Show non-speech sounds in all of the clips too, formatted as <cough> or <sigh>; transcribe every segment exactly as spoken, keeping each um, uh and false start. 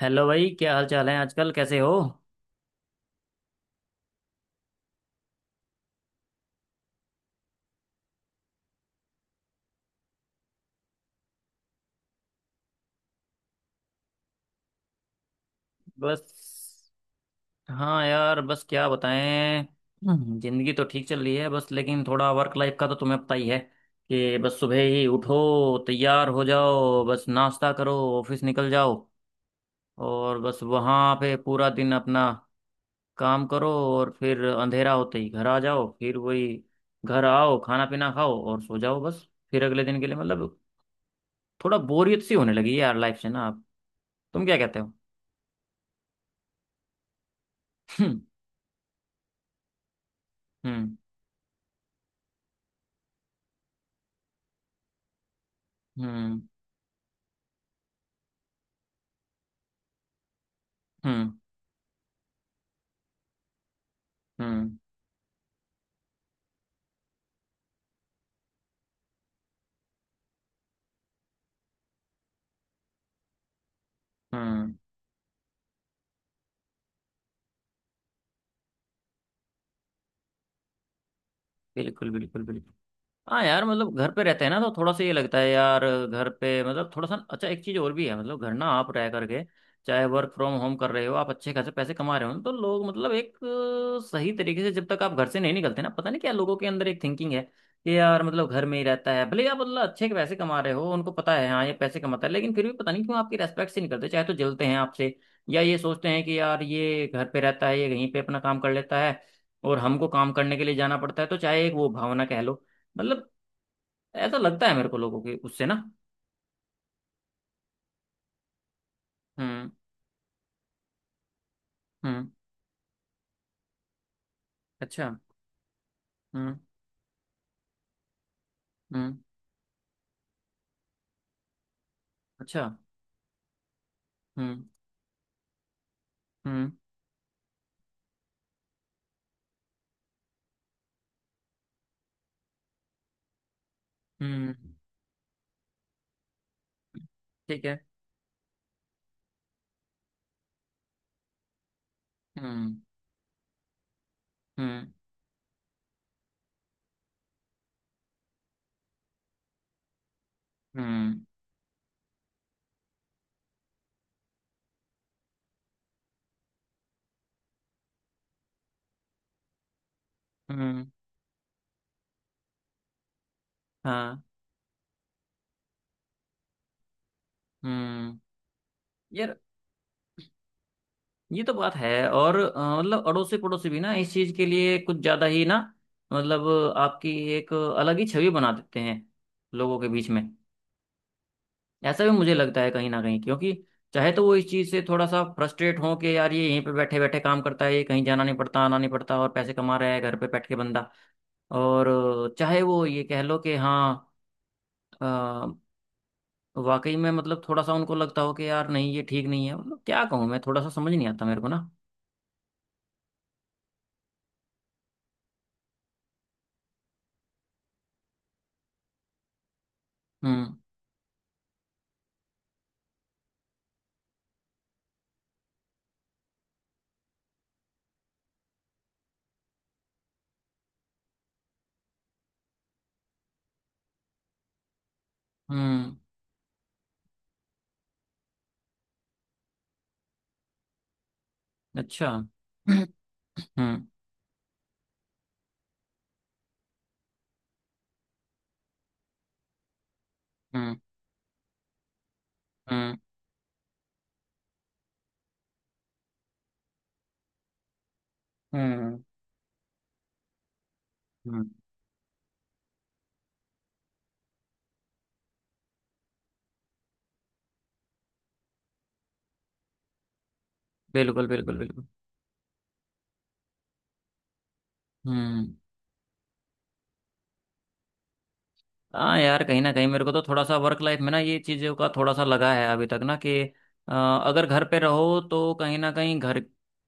Hello भाई, क्या हाल चाल है? आजकल कैसे हो? बस, हाँ यार, बस क्या बताएं। हम्म, जिंदगी तो ठीक चल रही है बस, लेकिन थोड़ा वर्क लाइफ का तो तुम्हें पता ही है कि बस सुबह ही उठो, तैयार हो जाओ, बस नाश्ता करो, ऑफिस निकल जाओ, और बस वहाँ पे पूरा दिन अपना काम करो, और फिर अंधेरा होते ही घर आ जाओ। फिर वही, घर आओ, खाना पीना खाओ और सो जाओ, बस फिर अगले दिन के लिए। मतलब थोड़ा बोरियत सी होने लगी है यार, लाइफ से ना आप। तुम क्या कहते हो? <laughs> हम्म। हम्म। हम्म। हम्म। हम्म। बिल्कुल बिल्कुल बिल्कुल। हाँ यार, मतलब घर पे रहते हैं ना तो थोड़ा सा ये लगता है यार, घर पे मतलब थोड़ा सा अच्छा। एक चीज़ और भी है, मतलब घर ना आप रह करके, चाहे वर्क फ्रॉम होम कर रहे हो, आप अच्छे खासे पैसे कमा रहे हो, तो लोग मतलब एक अ, सही तरीके से जब तक आप घर से नहीं निकलते ना, पता नहीं क्या लोगों के अंदर एक थिंकिंग है कि यार मतलब घर में ही रहता है। भले ही आप मतलब अच्छे के पैसे कमा रहे हो, उनको पता है हाँ ये पैसे कमाता है, लेकिन फिर भी पता नहीं क्यों आपकी रेस्पेक्ट से नहीं करते, चाहे तो जलते हैं आपसे, या ये सोचते हैं कि यार ये घर पे रहता है, ये कहीं पे अपना काम कर लेता है और हमको काम करने के लिए जाना पड़ता है। तो चाहे एक वो भावना कह लो, मतलब ऐसा लगता है मेरे को लोगों के उससे ना। हम्म। हम्म। अच्छा। हम्म। हम्म। अच्छा। हम्म। हम्म। हम्म। ठीक है। हम्म। हम्म। हम्म। हम्म। हाँ। हम्म। यार ये तो बात है। और अ, मतलब अड़ोसी पड़ोसी भी ना इस चीज के लिए कुछ ज्यादा ही ना, मतलब आपकी एक अलग ही छवि बना देते हैं लोगों के बीच में। ऐसा भी मुझे लगता है कहीं ना कहीं, क्योंकि चाहे तो वो इस चीज़ से थोड़ा सा फ्रस्ट्रेट हो कि यार ये यहीं पे बैठे बैठे काम करता है, ये कहीं जाना नहीं पड़ता, आना नहीं पड़ता, और पैसे कमा रहा है घर पे बैठ के बंदा। और अ, चाहे वो ये कह लो कि हाँ, अ, वाकई में मतलब थोड़ा सा उनको लगता हो कि यार नहीं ये ठीक नहीं है। मतलब क्या कहूँ मैं, थोड़ा सा समझ नहीं आता मेरे को ना। हम्म। हम्म। अच्छा। हम्म। हम्म। हम्म। हम्म। हम्म। बिल्कुल बिल्कुल बिल्कुल। हम्म। हाँ यार कहीं ना कहीं मेरे को तो थोड़ा सा वर्क लाइफ में ना ये चीज़ों का थोड़ा सा लगा है अभी तक ना कि अ, अगर घर पे रहो तो कहीं ना कहीं घर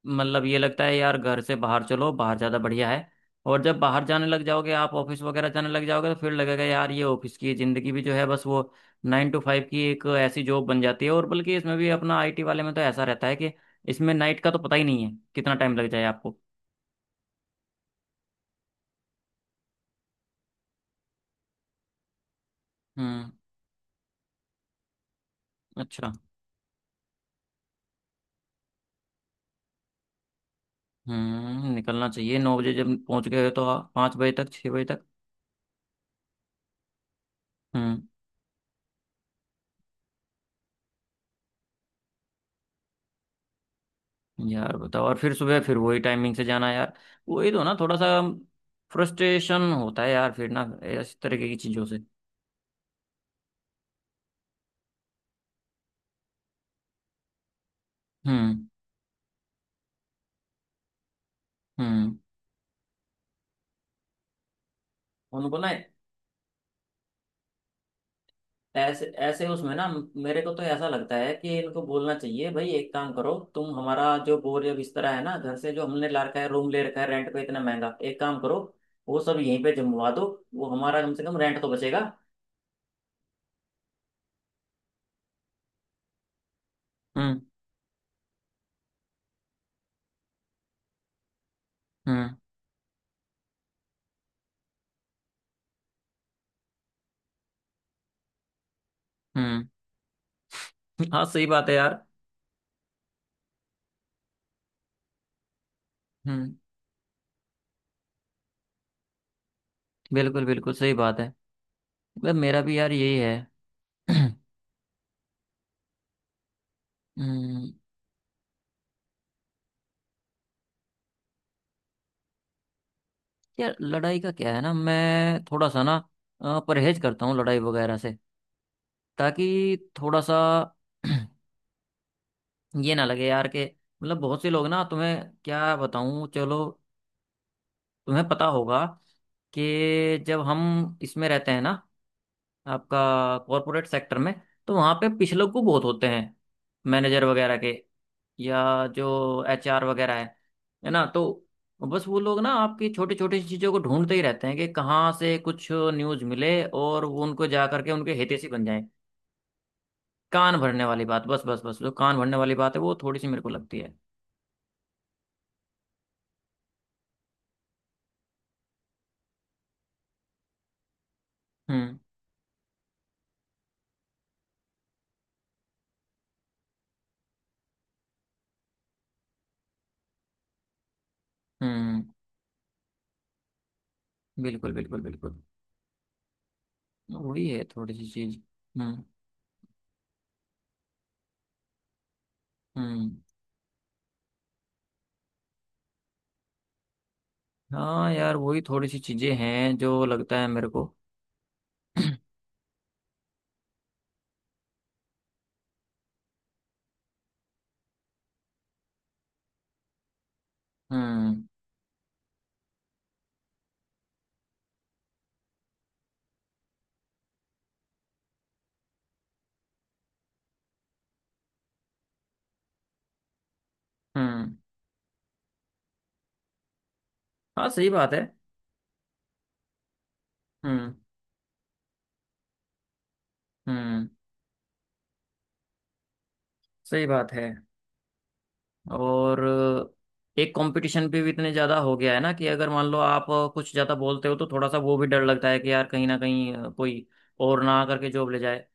मतलब ये लगता है यार घर से बाहर चलो, बाहर ज़्यादा बढ़िया है। और जब बाहर जाने लग जाओगे, आप ऑफिस वगैरह जाने लग जाओगे, तो फिर लगेगा यार ये ऑफिस की ज़िंदगी भी जो है बस वो नाइन टू फाइव की एक ऐसी जॉब बन जाती है। और बल्कि इसमें भी अपना आई टी वाले में तो ऐसा रहता है कि इसमें नाइट का तो पता ही नहीं है कितना टाइम लग जाए आपको। हम्म। अच्छा। हम्म। निकलना चाहिए नौ बजे, जब पहुंच गए हो तो। पाँच बजे तक, छः बजे तक। हम्म। यार बताओ, और फिर सुबह फिर वही टाइमिंग से जाना यार, वही तो ना, थोड़ा सा फ्रस्ट्रेशन होता है यार फिर ना, इस तरीके की चीजों से। हम्म। हम्म। उनको ना ऐसे ऐसे उसमें ना, मेरे को तो ऐसा लगता है कि इनको बोलना चाहिए भाई एक काम करो, तुम हमारा जो बोर या बिस्तरा है ना, घर से जो हमने ला रखा है, रूम ले रखा है रेंट पे इतना महंगा, एक काम करो वो सब यहीं पे जमवा दो। वो हमारा कम से कम रेंट तो बचेगा। हम्म। हम्म। हम्म। हाँ सही बात है यार। हम्म। बिल्कुल बिल्कुल सही बात है, मतलब मेरा भी यार यही है। <clears throat> हम्म। यार लड़ाई का क्या है ना, मैं थोड़ा सा ना अ, परहेज करता हूँ लड़ाई वगैरह से, ताकि थोड़ा सा <clears throat> ये ना लगे यार कि मतलब बहुत से लोग ना तुम्हें क्या बताऊं। चलो, तुम्हें पता होगा कि जब हम इसमें रहते हैं ना, आपका कॉरपोरेट सेक्टर में, तो वहां पे पिछले को बहुत होते हैं मैनेजर वगैरह के, या जो एच आर वगैरह है है ना? तो बस वो लोग ना आपकी छोटी छोटी चीज़ों को ढूंढते ही रहते हैं कि कहाँ से कुछ न्यूज़ मिले, और वो उनको जा करके उनके हितैषी बन जाए। कान भरने वाली बात, बस बस बस, जो कान भरने वाली बात है वो थोड़ी सी मेरे को लगती है। हम्म। हम्म। बिल्कुल बिल्कुल बिल्कुल। वही है थोड़ी सी चीज़। हम्म। हम्म। हाँ यार वही थोड़ी सी चीज़ें हैं जो लगता है मेरे को। <clears throat> हम्म। हम्म। हाँ सही बात है। हम्म। हम्म। सही बात है। और एक कंपटीशन पे भी इतने ज़्यादा हो गया है ना कि अगर मान लो आप कुछ ज़्यादा बोलते हो तो थोड़ा सा वो भी डर लगता है कि यार कहीं ना कहीं कोई और ना आकर के जॉब ले जाए,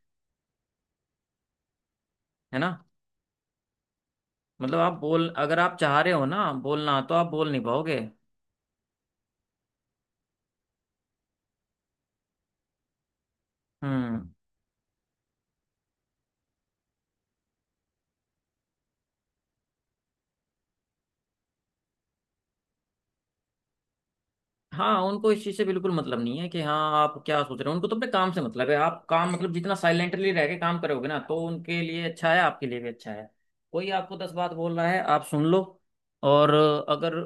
है ना? मतलब आप बोल, अगर आप चाह रहे हो ना बोलना तो आप बोल नहीं पाओगे। हम्म। हाँ उनको इस चीज से बिल्कुल मतलब नहीं है कि हाँ आप क्या सोच रहे हो। उनको तो अपने काम से मतलब है, आप काम मतलब जितना साइलेंटली रह के काम करोगे ना तो उनके लिए अच्छा है, आपके लिए भी अच्छा है। कोई आपको दस बात बोल रहा है, आप सुन लो, और अगर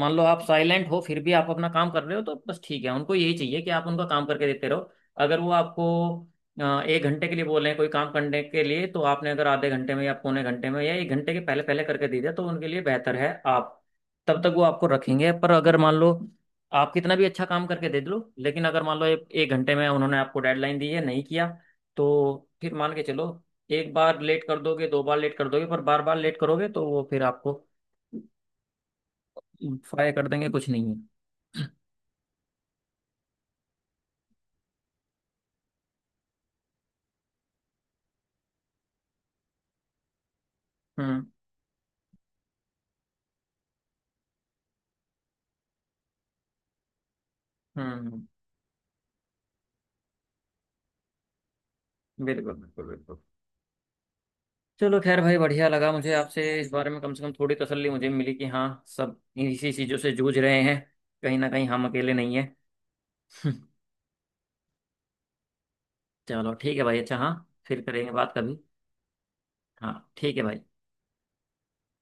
मान लो आप साइलेंट हो फिर भी आप अपना काम कर रहे हो तो बस ठीक है, उनको यही चाहिए कि आप उनका काम करके देते रहो। अगर वो आपको अ, एक घंटे के लिए बोल रहे हैं कोई काम करने के लिए, तो आपने अगर आधे घंटे में या पौने घंटे में या एक घंटे के पहले पहले करके दे दिया, तो उनके लिए बेहतर है। आप तब तक वो आपको रखेंगे। पर अगर मान लो आप कितना भी अच्छा काम करके दे दो, लेकिन अगर मान लो एक एक घंटे में उन्होंने आपको डेडलाइन दी है, नहीं किया, तो फिर मान के चलो, एक बार लेट कर दोगे, दो बार लेट कर दोगे, पर बार बार लेट करोगे तो वो फिर आपको फायर कर देंगे, कुछ नहीं है। हम्म। हम्म। बिल्कुल बिल्कुल बिल्कुल। चलो खैर भाई, बढ़िया लगा मुझे आपसे इस बारे में। कम से कम थोड़ी तसल्ली मुझे मिली कि हाँ सब इसी चीज़ों से जूझ रहे हैं, कहीं ना कहीं हम अकेले नहीं है। <laughs> चलो ठीक है भाई, अच्छा हाँ, फिर करेंगे बात कभी। हाँ ठीक है भाई।